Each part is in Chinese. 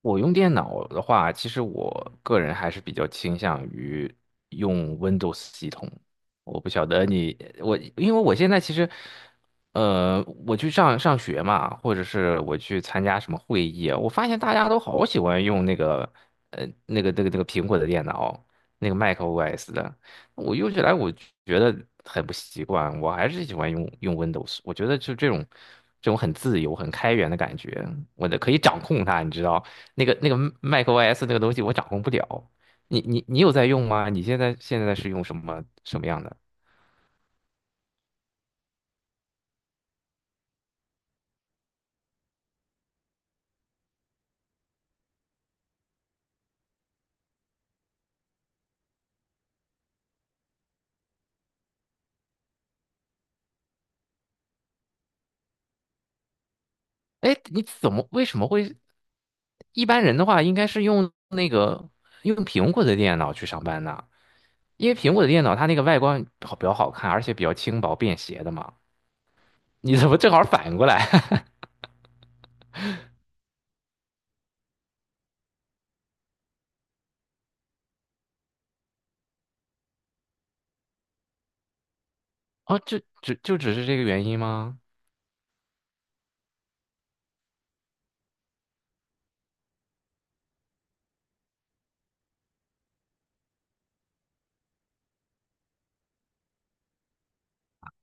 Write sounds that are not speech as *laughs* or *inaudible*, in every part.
我用电脑的话，其实我个人还是比较倾向于用 Windows 系统。我不晓得你，我因为我现在其实，我去上学嘛，或者是我去参加什么会议啊我发现大家都好喜欢用那个，苹果的电脑，那个 macOS 的。我用起来我觉得很不习惯，我还是喜欢用 Windows。我觉得就这种很自由、很开源的感觉，我的可以掌控它，你知道。macOS 那个东西我掌控不了。你有在用吗？你现在是用什么样的？哎，你怎么为什么会？一般人的话应该是用那个用苹果的电脑去上班呢，因为苹果的电脑它那个外观好比较好看，而且比较轻薄便携的嘛。你怎么正好反过来？*laughs* 哦，就只是这个原因吗？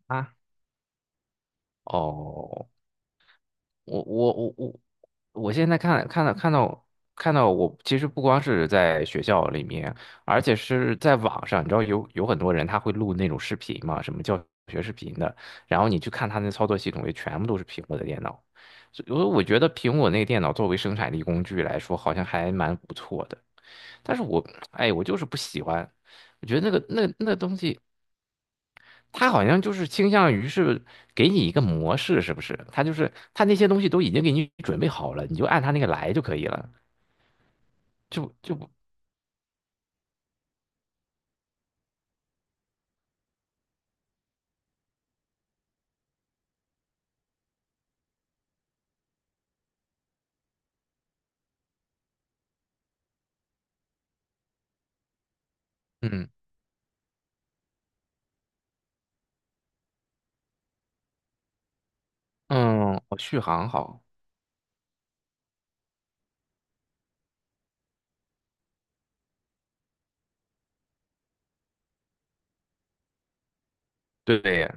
啊，哦。我我现在看到看到我，其实不光是在学校里面，而且是在网上，你知道有很多人他会录那种视频嘛，什么教学视频的，然后你去看他那操作系统，也全部都是苹果的电脑，所以我觉得苹果那个电脑作为生产力工具来说，好像还蛮不错的，但是我哎，我就是不喜欢，我觉得那个那东西。他好像就是倾向于是给你一个模式，是不是？他就是他那些东西都已经给你准备好了，你就按他那个来就可以了，就就不嗯嗯，我续航好，对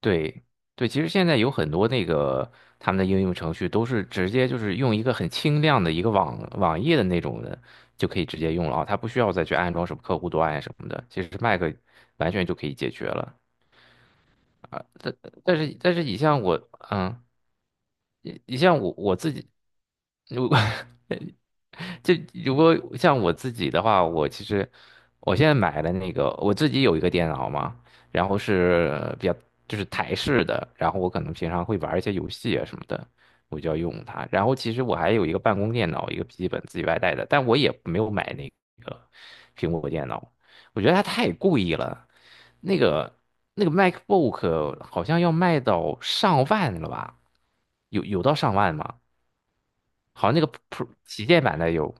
对对，其实现在有很多那个他们的应用程序都是直接就是用一个很清亮的一个网页的那种的就可以直接用了啊，它不需要再去安装什么客户端呀什么的，其实 Mac 完全就可以解决了。但但是你像我嗯。你像我自己，如 *laughs* 果就如果像我自己的话，我其实我现在买的那个我自己有一个电脑嘛，然后是比较就是台式的，然后我可能平常会玩一些游戏啊什么的，我就要用它。然后其实我还有一个办公电脑，一个笔记本自己外带的，但我也没有买那个苹果电脑，我觉得它太贵了。那个MacBook 好像要卖到上万了吧？有到上万吗？好像那个 Pro 旗舰版的有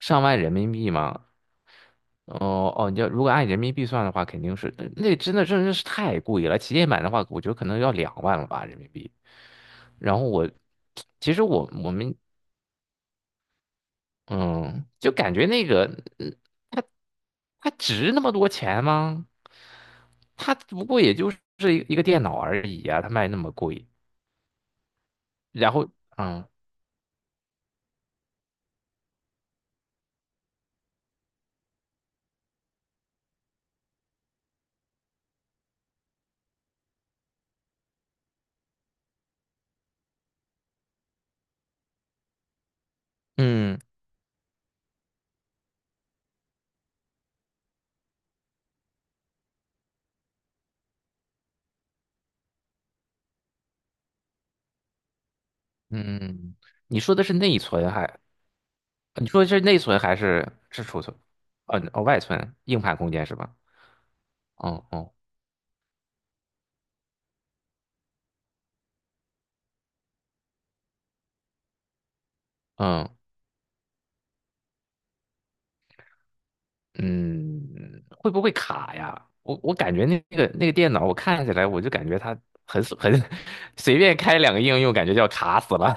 上万人民币吗？哦哦，你要如果按人民币算的话，肯定是那真的是太贵了。旗舰版的话，我觉得可能要两万了吧人民币。然后我其实我我们嗯，就感觉那个嗯它值那么多钱吗？它不过也就是一个电脑而已啊，它卖那么贵。然后嗯嗯嗯，嗯嗯你说的是内存还？你说的是内存还是储存？哦，外存，硬盘空间是吧？哦哦，嗯嗯，会不会卡呀？我感觉那个那个电脑，我看起来我就感觉它很 *laughs* 随便开两个应用，感觉就要卡死了，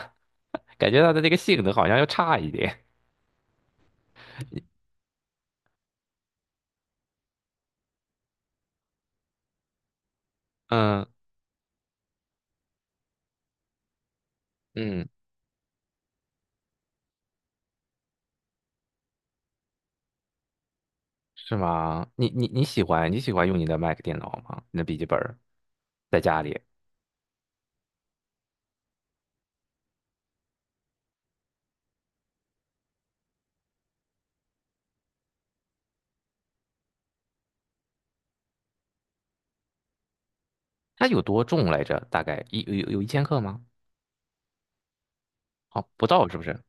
感觉它的这个性能好像要差一点。嗯嗯，是吗？你喜欢你喜欢用你的 Mac 电脑吗？你的笔记本儿在家里，它有多重来着？大概一有一千克吗？哦，不到是不是？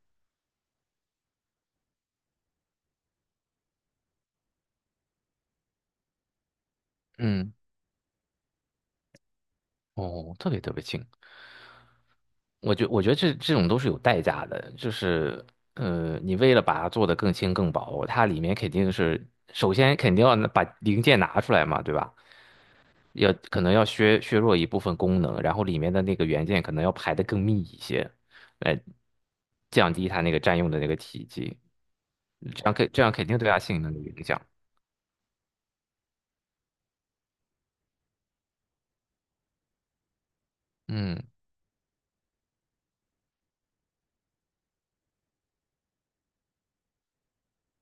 嗯。哦，特别特别轻。我觉得这种都是有代价的，就是你为了把它做得更轻更薄，它里面肯定是首先肯定要拿把零件拿出来嘛，对吧？要可能要削弱一部分功能，然后里面的那个元件可能要排的更密一些，来降低它那个占用的那个体积，嗯这样肯定对它性能有影响。嗯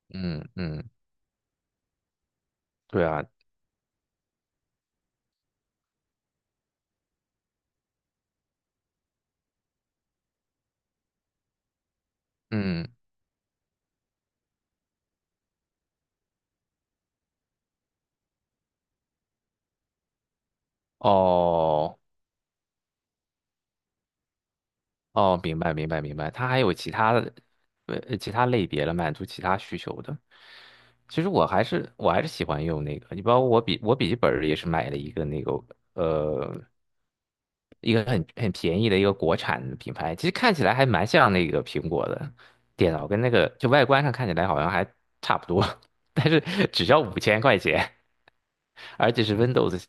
嗯嗯，对啊，嗯哦。哦，明白，它还有其他的，呃，其他类别了，满足其他需求的。其实我还是喜欢用那个，你包括我笔记本儿也是买了一个那个呃一个很便宜的一个国产的品牌，其实看起来还蛮像那个苹果的电脑，跟那个就外观上看起来好像还差不多，*laughs* 但是只要五千块钱，而且是 Windows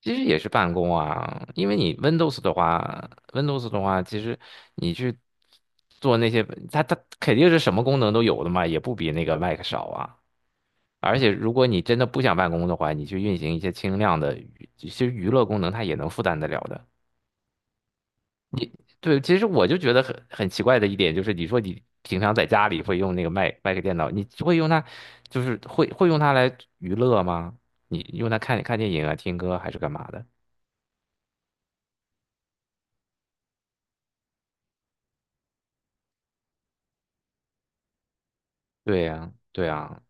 其实也是办公啊，因为你 Windows 的话，Windows 的话，其实你去做那些，它肯定是什么功能都有的嘛，也不比那个 Mac 少啊。而且如果你真的不想办公的话，你去运行一些轻量的娱其实娱乐功能它也能负担得了的。对，其实我就觉得很奇怪的一点就是，你说你平常在家里会用那个 Mac 电脑，你会用它，就是会用它来娱乐吗？你用它看电影啊、听歌还是干嘛的？对呀，对呀。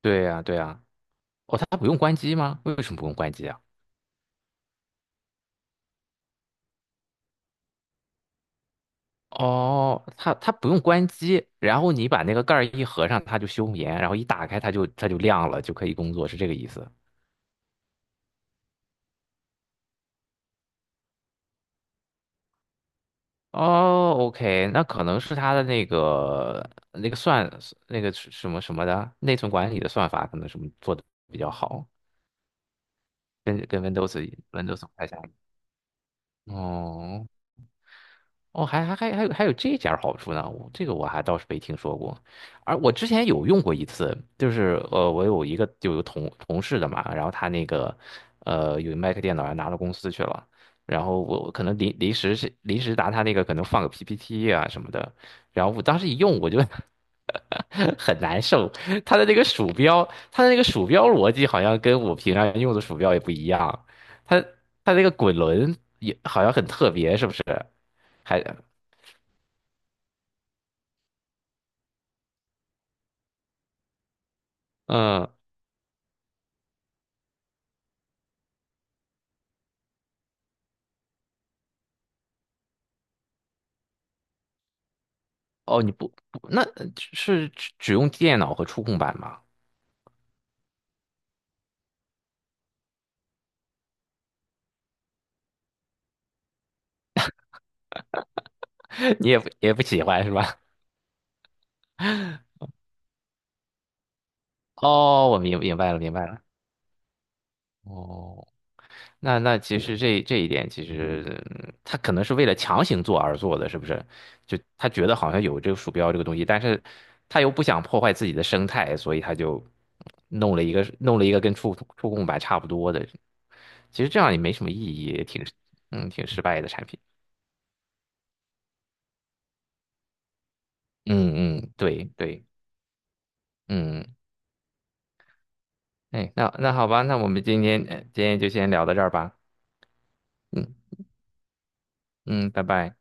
对呀，对呀。哦，它不用关机吗？为什么不用关机啊？哦，它不用关机，然后你把那个盖儿一合上，它就休眠，然后一打开它就亮了，就可以工作，是这个意思。哦，OK，那可能是它的那个那个算那个是什么的内存管理的算法，可能什么做的比较好，跟跟 Windows 不太像。哦哦，还有这点儿好处呢，我这个我还倒是没听说过。而我之前有用过一次，就是我有一个有个同事的嘛，然后他那个呃有 Mac 电脑还拿到公司去了，然后我可能临时拿他那个可能放个 PPT 啊什么的，然后我当时一用我就 *laughs* 很难受，他的那个鼠标，他的那个鼠标逻辑好像跟我平常用的鼠标也不一样，他他那个滚轮也好像很特别，是不是？还嗯，哦，你不，那是只用电脑和触控板吗？*laughs* 你也不喜欢是吧？*laughs* 哦，我明白了，明白了。哦，那那其实这一点，其实嗯他可能是为了强行做而做的，是不是？就他觉得好像有这个鼠标这个东西，但是他又不想破坏自己的生态，所以他就弄了一个跟触控板差不多的。其实这样也没什么意义，也挺嗯挺失败的产品。嗯嗯，对对。嗯哎，那那好吧，那我们今天今天就先聊到这儿吧。嗯嗯，拜拜。